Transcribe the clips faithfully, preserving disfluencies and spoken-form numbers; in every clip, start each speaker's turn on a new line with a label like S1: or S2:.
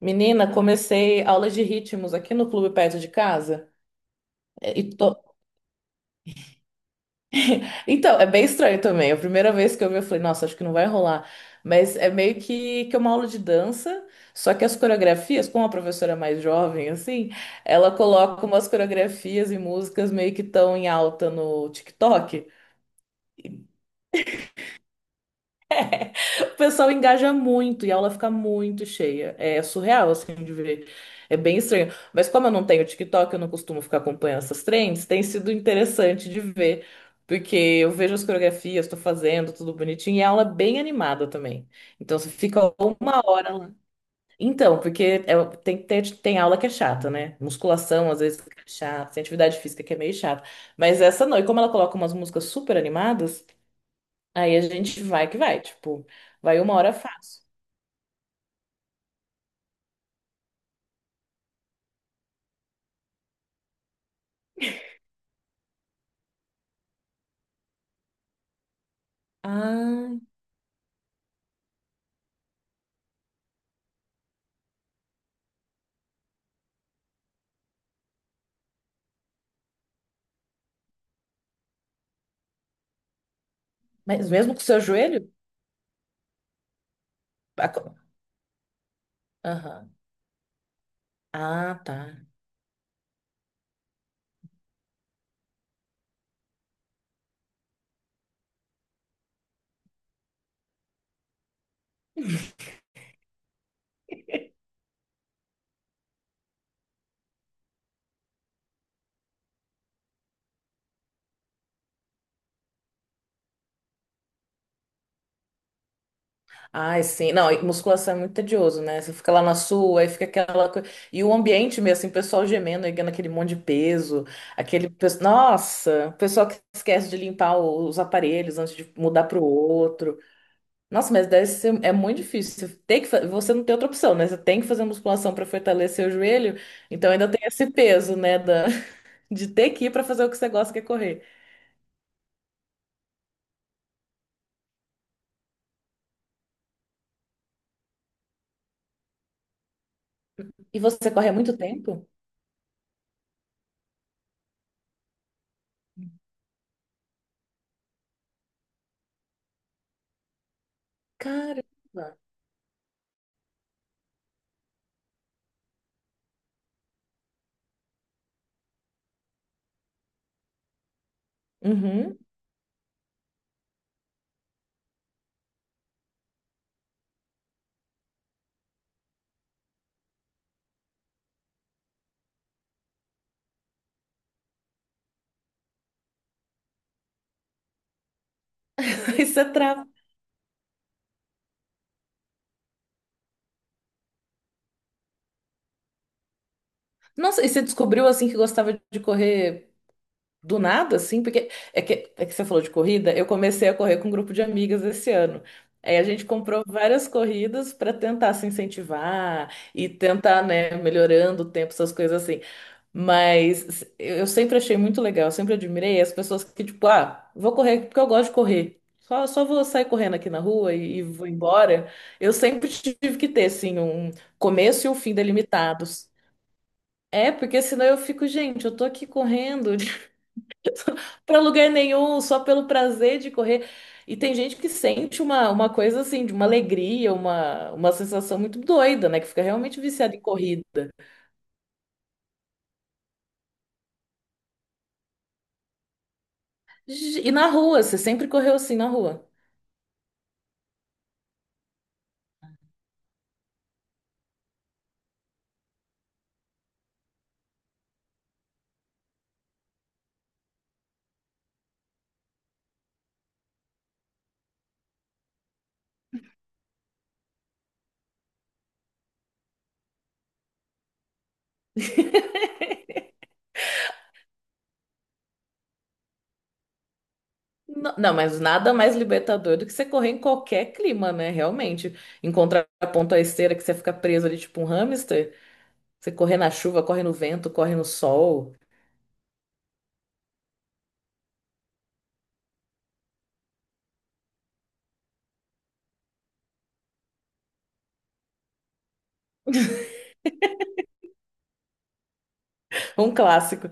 S1: Menina, comecei aula de ritmos aqui no clube perto de casa. É, e tô- Então, é bem estranho também. A primeira vez que eu vi, eu falei, nossa, acho que não vai rolar. Mas é meio que, que é uma aula de dança, só que as coreografias, como a professora é mais jovem, assim, ela coloca umas coreografias e músicas meio que estão em alta no TikTok. O pessoal engaja muito e a aula fica muito cheia. É surreal, assim, de ver. É bem estranho. Mas como eu não tenho TikTok, eu não costumo ficar acompanhando essas trends, tem sido interessante de ver. Porque eu vejo as coreografias, estou fazendo, tudo bonitinho, e a aula é bem animada também. Então você fica uma hora lá. Então, porque é- tem, tem, tem aula que é chata, né? Musculação, às vezes, é chata, tem atividade física que é meio chata. Mas essa não. E como ela coloca umas músicas super animadas, aí a gente vai que vai, tipo, vai uma hora fácil. Ah, mas mesmo com o seu joelho? A co- Aham. Ah, tá. Ai, sim. Não, e musculação é muito tedioso, né? Você fica lá na sua, aí fica aquela coisa. E o ambiente mesmo, assim, o pessoal gemendo, erguendo aquele monte de peso, aquele. pe- Nossa, o pessoal que esquece de limpar o- os aparelhos antes de mudar pro outro. Nossa, mas deve ser, é muito difícil. Você tem que... fa- Você não tem outra opção, né? Você tem que fazer musculação para fortalecer o joelho, então ainda tem esse peso, né? da- De ter que ir para fazer o que você gosta, que é correr. E você corre há muito tempo? Caramba! Uhum. Isso é trava. Nossa, e você descobriu assim que gostava de correr do nada, assim, porque é que, é que você falou de corrida, eu comecei a correr com um grupo de amigas esse ano. Aí a gente comprou várias corridas para tentar se incentivar e tentar, né, melhorando o tempo, essas coisas assim. Mas eu eu sempre achei muito legal, eu sempre admirei as pessoas que, tipo, ah, vou correr porque eu gosto de correr. Só, só vou sair correndo aqui na rua e, e vou embora. Eu sempre tive que ter, assim, um começo e um fim delimitados. É, porque senão eu fico, gente, eu tô aqui correndo. Para lugar nenhum, só pelo prazer de correr. E tem gente que sente uma, uma coisa assim, de uma alegria, uma, uma sensação muito doida, né? Que fica realmente viciada em corrida. Ge- E na rua, você sempre correu assim na rua. Não, não, mas nada mais libertador do que você correr em qualquer clima, né? Realmente. Em contraponto à esteira, que você fica preso ali, tipo um hamster. Você corre na chuva, corre no vento, corre no sol. Um clássico.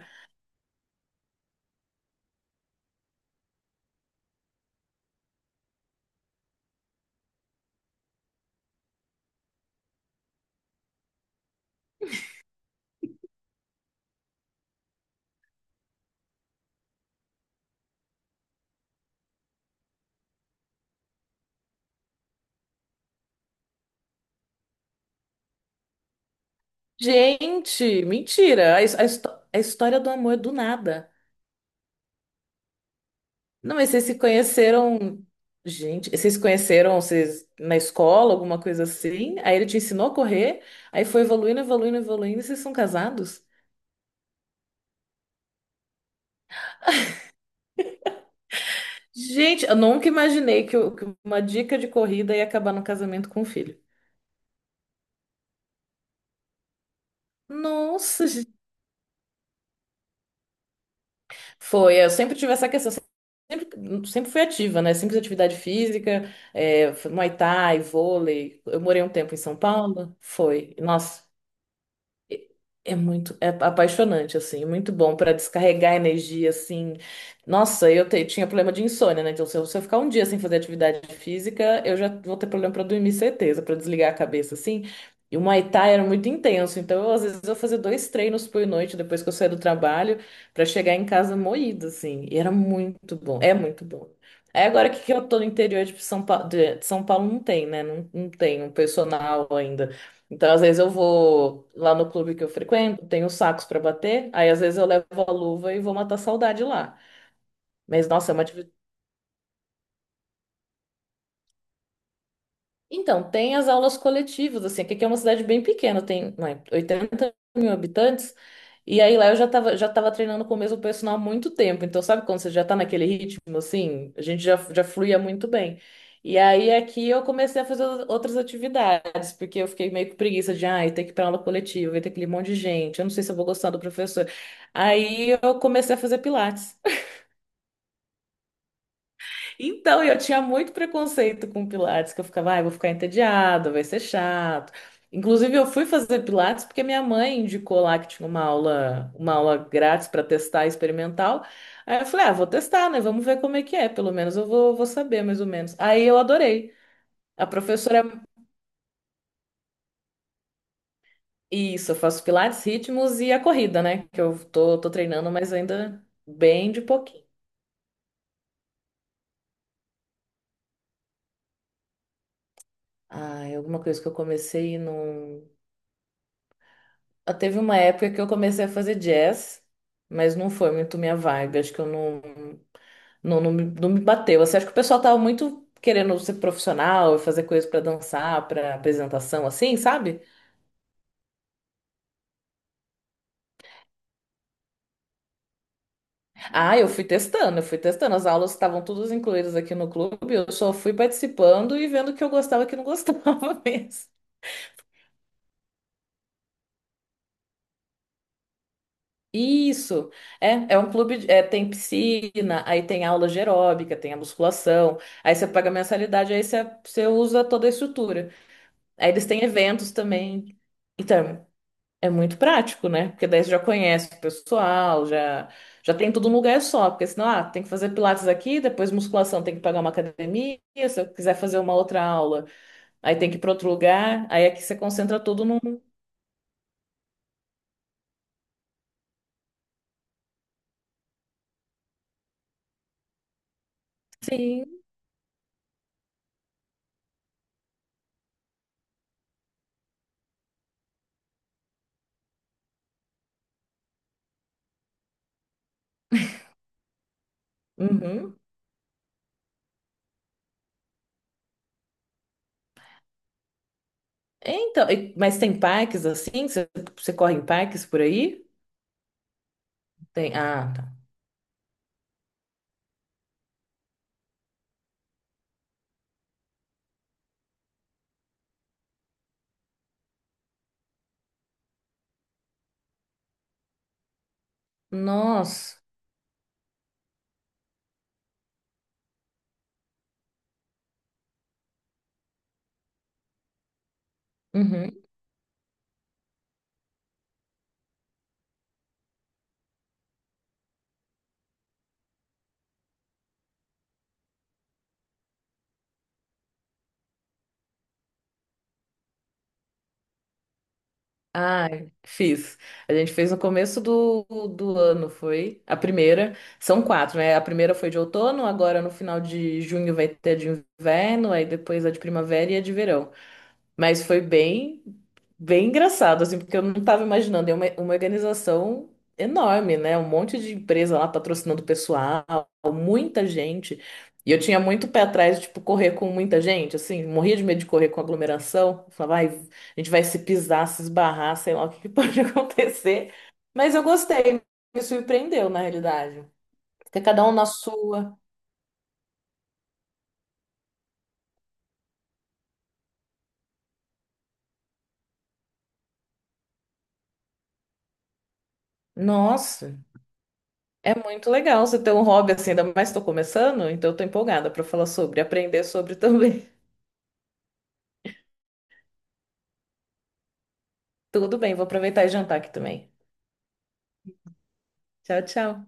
S1: Gente, mentira. A, his- a histó- a história do amor do nada. Não, mas vocês se conheceram, gente, vocês se conheceram vocês, na escola, alguma coisa assim? Aí ele te ensinou a correr, aí foi evoluindo, evoluindo, evoluindo, e vocês são casados? Gente, eu nunca imaginei que, eu- que uma dica de corrida ia acabar no casamento com um filho. Nossa, gente. Foi, eu sempre tive essa questão, sempre, sempre fui ativa, né? Sempre fiz atividade física, é, Muay Thai, vôlei. Eu morei um tempo em São Paulo, foi. Nossa. É muito, é apaixonante, assim, é muito bom para descarregar energia, assim. Nossa, eu te- tinha problema de insônia, né? Então, se eu, se eu ficar um dia sem fazer atividade física, eu já vou ter problema para dormir, certeza, para desligar a cabeça, assim. E o Muay Thai era muito intenso, então, eu, às vezes, eu fazia dois treinos por noite depois que eu saía do trabalho, para chegar em casa moída, assim. E era muito bom, é muito bom. Aí, agora que que eu tô no interior de São Paulo, de São Paulo não tem, né? Não, não tem um personal ainda. Então, às vezes eu vou lá no clube que eu frequento, tenho sacos para bater, aí às vezes eu levo a luva e vou matar a saudade lá. Mas nossa, é uma Então, tem as aulas coletivas, assim, que aqui é uma cidade bem pequena, tem, ué, oitenta mil habitantes, e aí lá eu já tava, já tava treinando com o mesmo personal há muito tempo, então sabe quando você já tá naquele ritmo, assim, a gente já, já fluía muito bem. E aí aqui eu comecei a fazer outras atividades, porque eu fiquei meio com preguiça de, ai, ter que ir pra aula coletiva, vai ter aquele monte de gente, eu não sei se eu vou gostar do professor. Aí eu comecei a fazer pilates. Então, eu tinha muito preconceito com Pilates, que eu ficava, ai, vou ficar entediada, vai ser chato. Inclusive, eu fui fazer Pilates porque minha mãe indicou lá que tinha uma aula, uma aula grátis para testar experimental. Aí eu falei, ah, vou testar, né? Vamos ver como é que é. Pelo menos eu vou, vou saber, mais ou menos. Aí eu adorei. A professora, isso, eu faço Pilates, ritmos e a corrida, né? Que eu tô, tô treinando, mas ainda bem de pouquinho. Ah, alguma coisa que eu comecei e não. Ah, teve uma época que eu comecei a fazer jazz, mas não foi muito minha vibe. Acho que eu não, não, não, me, não me bateu. Assim, acho que o pessoal tava muito querendo ser profissional e fazer coisas pra dançar, pra apresentação, assim, sabe? Ah, eu fui testando, eu fui testando. As aulas estavam todas incluídas aqui no clube, eu só fui participando e vendo o que eu gostava e o que não gostava mesmo. Isso, é, é um clube, de- é, tem piscina, aí tem aula de aeróbica, tem a musculação, aí você, paga mensalidade, aí você, você usa toda a estrutura. Aí eles têm eventos também. Então, é muito prático, né? Porque daí você já conhece o pessoal, já, já tem tudo num lugar só. Porque senão, ah, tem que fazer pilates aqui, depois musculação, tem que pagar uma academia. Se eu quiser fazer uma outra aula, aí tem que ir para outro lugar. Aí aqui você concentra tudo num. Sim. Uhum. Então, e- mas tem parques assim? Você, você corre em parques por aí? Tem. Ah, tá. Nossa. Uhum. Ah, fiz. A gente fez no começo do, do ano, foi a primeira. São quatro, né? A primeira foi de outono, agora no final de junho vai ter a de inverno, aí depois a de primavera e a de verão. Mas foi bem, bem engraçado, assim, porque eu não estava imaginando. É uma, uma organização enorme, né? Um monte de empresa lá patrocinando pessoal, muita gente. E eu tinha muito pé atrás, tipo, correr com muita gente, assim, morria de medo de correr com aglomeração. Eu falava, ai, a gente vai se pisar, se esbarrar, sei lá o que que pode acontecer. Mas eu gostei, me surpreendeu, na realidade. Fica cada um na sua. Nossa. É muito legal você ter um hobby assim, ainda mais estou começando, então estou empolgada para falar sobre, aprender sobre também. Tudo bem, vou aproveitar e jantar aqui também. Tchau, tchau.